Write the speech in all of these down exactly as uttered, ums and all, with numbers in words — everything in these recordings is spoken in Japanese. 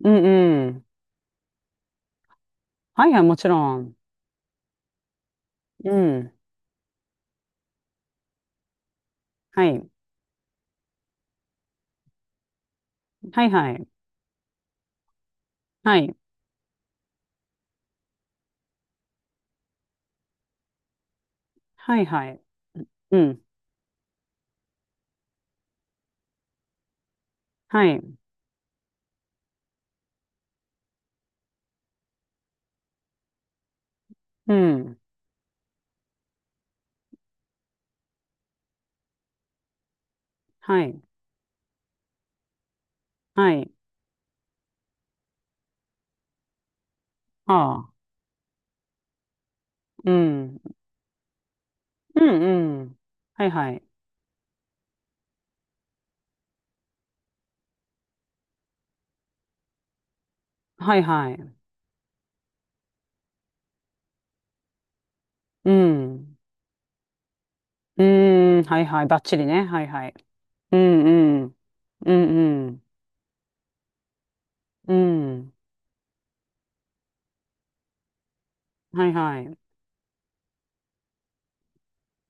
うんうん。はいはい、もちろん。うん。はい。はいはい。はい。はいはい。うん。はい。うん。はい。はい。ああ。うん。うんうん。はいはい。はいはい。うん。うーん。はいはい。ばっちりね。はいはい。うんうん。うんうん。うん。はいはい。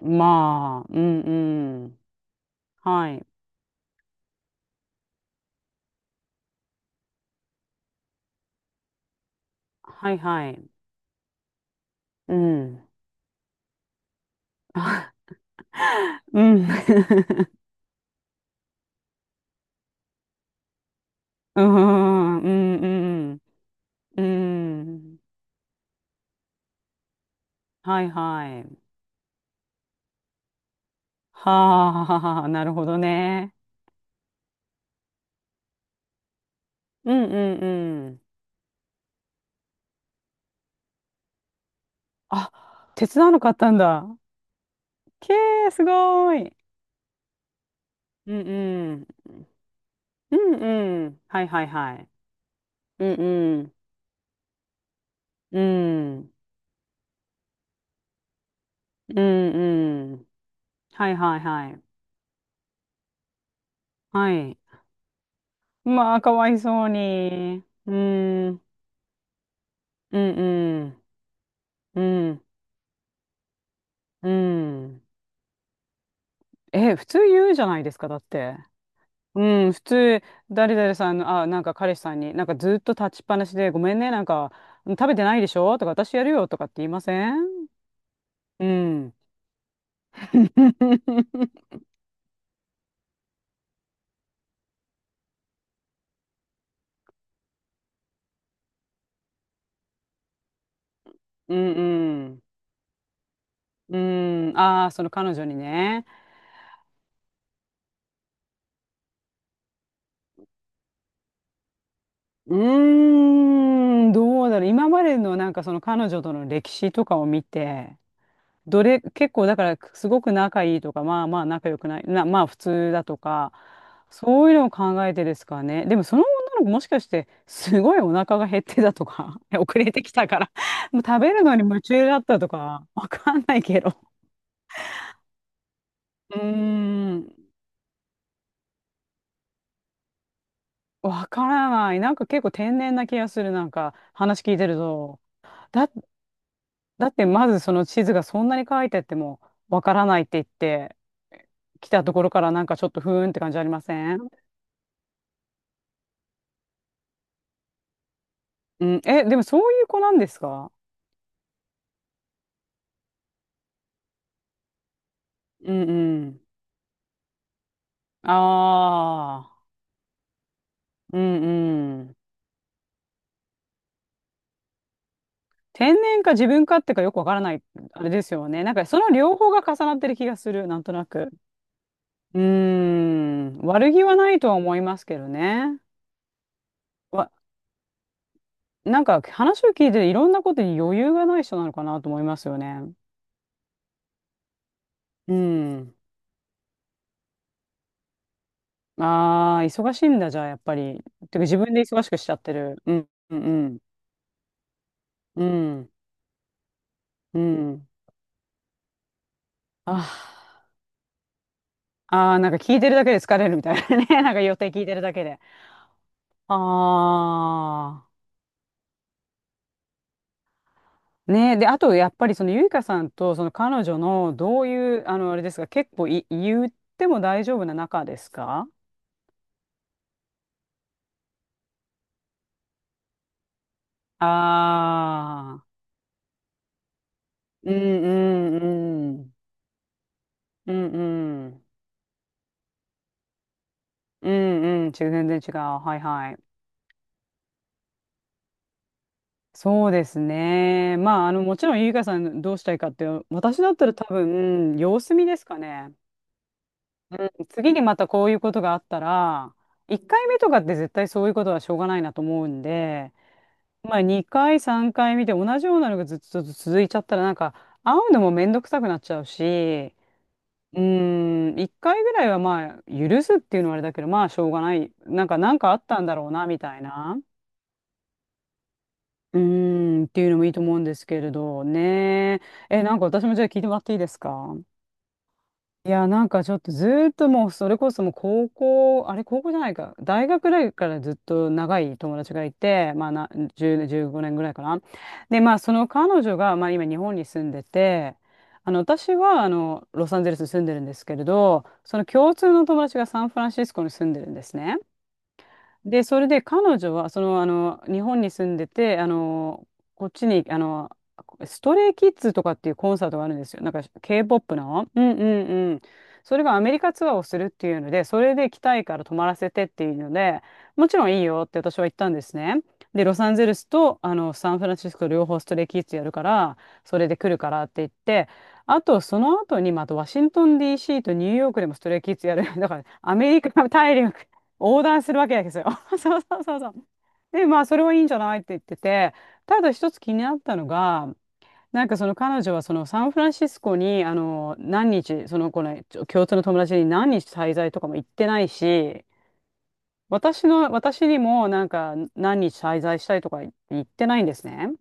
まあ。うんうん。はい。はいはい。うん。うん。うんうんうんうん。うん。はいはい。はあ、なるほどね。うんうんうん。あ、手伝わなかったんだ。けー、すごーい。うんうん。うんうん。はいはいはい。うんうん。うん。うんうん。はいはいはい。はい。まあ、かわいそうに。うん。うんうん。うん。うん。え、普通言うじゃないですか、だって。うん、普通、誰々さんの、あ、なんか彼氏さんに、なんかずっと立ちっぱなしで、ごめんね、なんか、食べてないでしょとか、私やるよとかって言いません？うん。うんうん。うん。ああ、その彼女にね。うーん、どうだろう。今までのなんかその彼女との歴史とかを見て、どれ、結構だからすごく仲いいとか、まあまあ仲良くない、な、まあ普通だとか、そういうのを考えてですかね。でもその女の子もしかしてすごいお腹が減ってたとか、遅れてきたから、もう食べるのに夢中だったとか、わかんないけど。うーん、わからない。なんか結構天然な気がする、なんか話聞いてると。だ、だってまずその地図がそんなに書いてあってもわからないって言って、来たところからなんかちょっとふーんって感じありません？うん、え、でもそういう子なんですか？うんうん。ああ、うんうん。天然か自分かってかよくわからない、あれですよね。なんかその両方が重なってる気がする、なんとなく。うーん、悪気はないとは思いますけどね。わ、なんか話を聞いていろんなことに余裕がない人なのかなと思いますよね。うん。ああ、忙しいんだ、じゃあ、やっぱり。てか自分で忙しくしちゃってる。うん、うん、うん、うん。うんああ。ああ、なんか聞いてるだけで疲れるみたいなね。なんか予定聞いてるだけで。ああ。ねえ。で、あと、やっぱりそのゆいかさんとその彼女のどういう、あの、あれですか、結構い、言っても大丈夫な仲ですか？ああー。うんうんうん。うんうん。うんうん。ち全然違う。はいはい。そうですね。まあ、あの、もちろんゆいかさんどうしたいかって、私だったら多分、うん様子見ですかね。うん、次にまたこういうことがあったら、いっかいめとかって絶対そういうことはしょうがないなと思うんで、まあにかい、さんかい見て同じようなのがずっと続いちゃったらなんか会うのもめんどくさくなっちゃうし、うーん、いっかいぐらいはまあ許すっていうのはあれだけど、まあしょうがない。なんかなんかあったんだろうなみたいな。うーん、っていうのもいいと思うんですけれどね。え、なんか私もじゃあ聞いてもらっていいですか？いや、なんかちょっとずーっともう、それこそもう高校、あれ高校じゃないか、大学ぐらいからずっと長い友達がいて、まあな、じゅう、じゅうごねんぐらいかな。で、まあその彼女が、まあ今日本に住んでて、あの、私はあの、ロサンゼルスに住んでるんですけれど、その共通の友達がサンフランシスコに住んでるんですね。で、それで彼女は、その、あの、日本に住んでて、あの、こっちに、あの、ストレイキッズとかっていうコンサートがあるんですよ。なんか K-ポップ の。うんうんうん。それがアメリカツアーをするっていうので、それで来たいから泊まらせてっていうので、もちろんいいよって私は言ったんですね。で、ロサンゼルスとあのサンフランシスコ両方ストレイキッズやるから、それで来るからって言って、あとその後にまたワシントン ディーシー とニューヨークでもストレイキッズやる。だからアメリカ大陸横断するわけですよ。そうそうそうそう。で、まあ、それはいいんじゃないって言ってて、ただ一つ気になったのが、なんかその彼女はそのサンフランシスコに、あの、何日、その子のちょ共通の友達に何日滞在とかも行ってないし、私の、私にもなんか何日滞在したいとか言ってないんですね。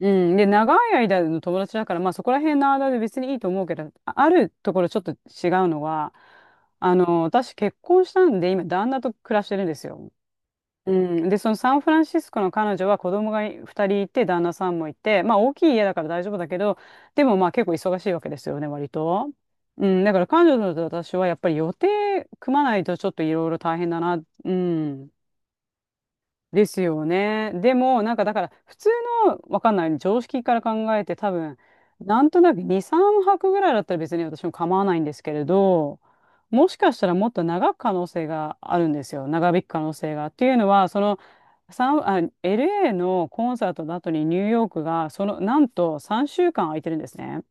うん。で、長い間の友達だから、まあそこら辺の間で別にいいと思うけど、ああるところちょっと違うのは、あの、私結婚したんで、今旦那と暮らしてるんですよ。うん、で、そのサンフランシスコの彼女は子供がふたりいて、旦那さんもいて、まあ大きい家だから大丈夫だけど、でもまあ結構忙しいわけですよね、割と。うん、だから彼女と私はやっぱり予定組まないとちょっといろいろ大変だな。うん。ですよね。でも、なんかだから、普通の、わかんない、常識から考えて、多分、なんとなくに、さんぱくぐらいだったら別に私も構わないんですけれど、もしかしたらもっと長く可能性があるんですよ。長引く可能性が。っていうのは、その、三あ、エルエー のコンサートの後にニューヨークが、その、なんとさんしゅうかん空いてるんですね。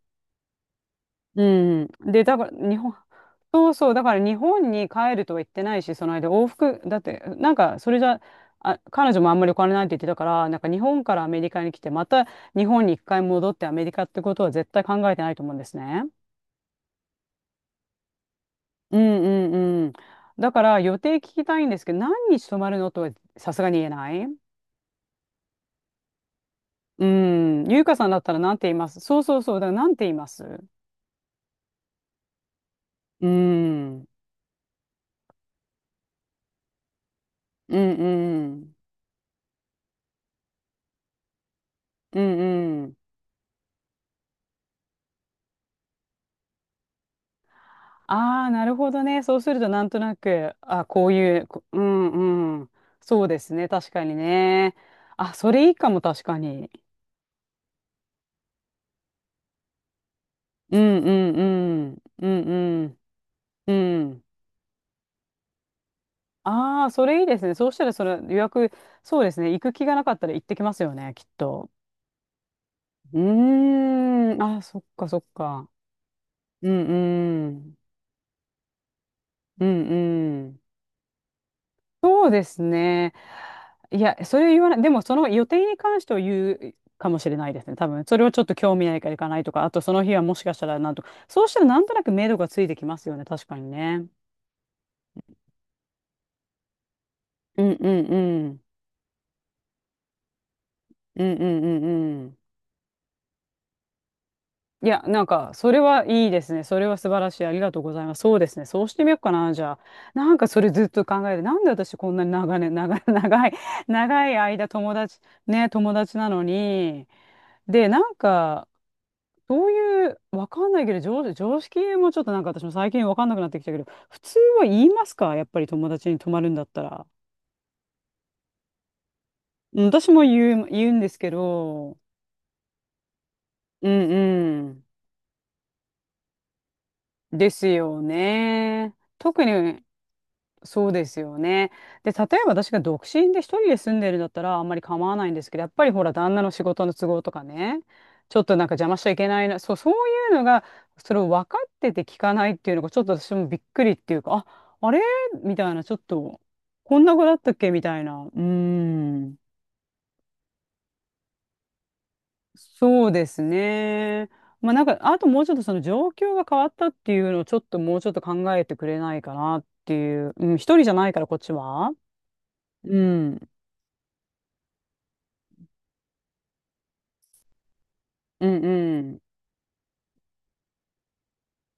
うん。で、だから、日本、そうそう、だから日本に帰るとは言ってないし、その間往復、だって、なんか、それじゃ、あ、彼女もあんまりお金ないって言ってたから、なんか日本からアメリカに来て、また日本に一回戻ってアメリカってことは絶対考えてないと思うんですね。うんうんうん。だから予定聞きたいんですけど、何日泊まるのとはさすがに言えない。うん。ゆうかさんだったら何て言います？そうそうそう。だから何て言います？うん。うんうん。うんうん。ああ、なるほどね。そうすると、なんとなく、あ、こういう、こうんうん。そうですね。確かにね。あ、それいいかも、確かに。うんうんうん。うんうん。うん。ああ、それいいですね。そうしたら、その予約、そうですね。行く気がなかったら行ってきますよね、きっと。うーん。あ、そっかそっか。うんうん。うんうん。そうですね。いや、それを言わない。でも、その予定に関しては言うかもしれないですね。多分、それをちょっと興味ないから行かないとか、あとその日はもしかしたらなんとか、そうしたらなんとなく目処がついてきますよね。確かにね。うんうんうん。うんうんうんうん。いや、なんか、それはいいですね。それは素晴らしい。ありがとうございます。そうですね。そうしてみようかな、じゃあ。なんか、それずっと考えて、なんで私こんなに長年、長い、長い、長い間友達、ね、友達なのに、で、なんか、そういう、わかんないけど、常、常識もちょっとなんか私も最近わかんなくなってきたけど、普通は言いますか？やっぱり友達に泊まるんだったら。うん私も言う、言うんですけど、うんうん。ですよね。特に、そうですよね。で、例えば私が独身で一人で住んでるんだったらあんまり構わないんですけど、やっぱりほら、旦那の仕事の都合とかね、ちょっとなんか邪魔しちゃいけないな、そう、そういうのが、それを分かってて聞かないっていうのが、ちょっと私もびっくりっていうか、あ、あれみたいな、ちょっと、こんな子だったっけみたいな。うーん。そうですね。まあなんか、あともうちょっとその状況が変わったっていうのをちょっともうちょっと考えてくれないかなっていう。うん、一人じゃないから、こっちは。うん。うんうん。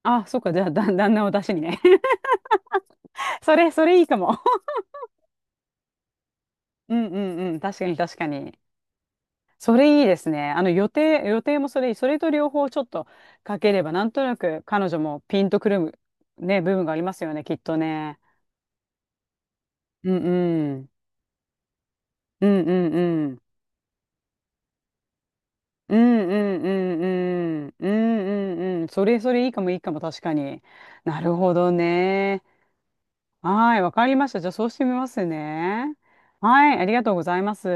あ、そっか、じゃあ、だ、旦那を出しにね。それ、それいいかも。うんうんうん。確かに確かに。それいいですね。あの、予定、予定もそれいい。それと両方ちょっとかければ、なんとなく彼女もピンとくる、ね、部分がありますよね、きっとね。うんうん。うんうんうん。うんうんうんうん。うんうんうん。それ、それいいかもいいかも、確かに。なるほどね。はい、わかりました。じゃあ、そうしてみますね。はい、ありがとうございます。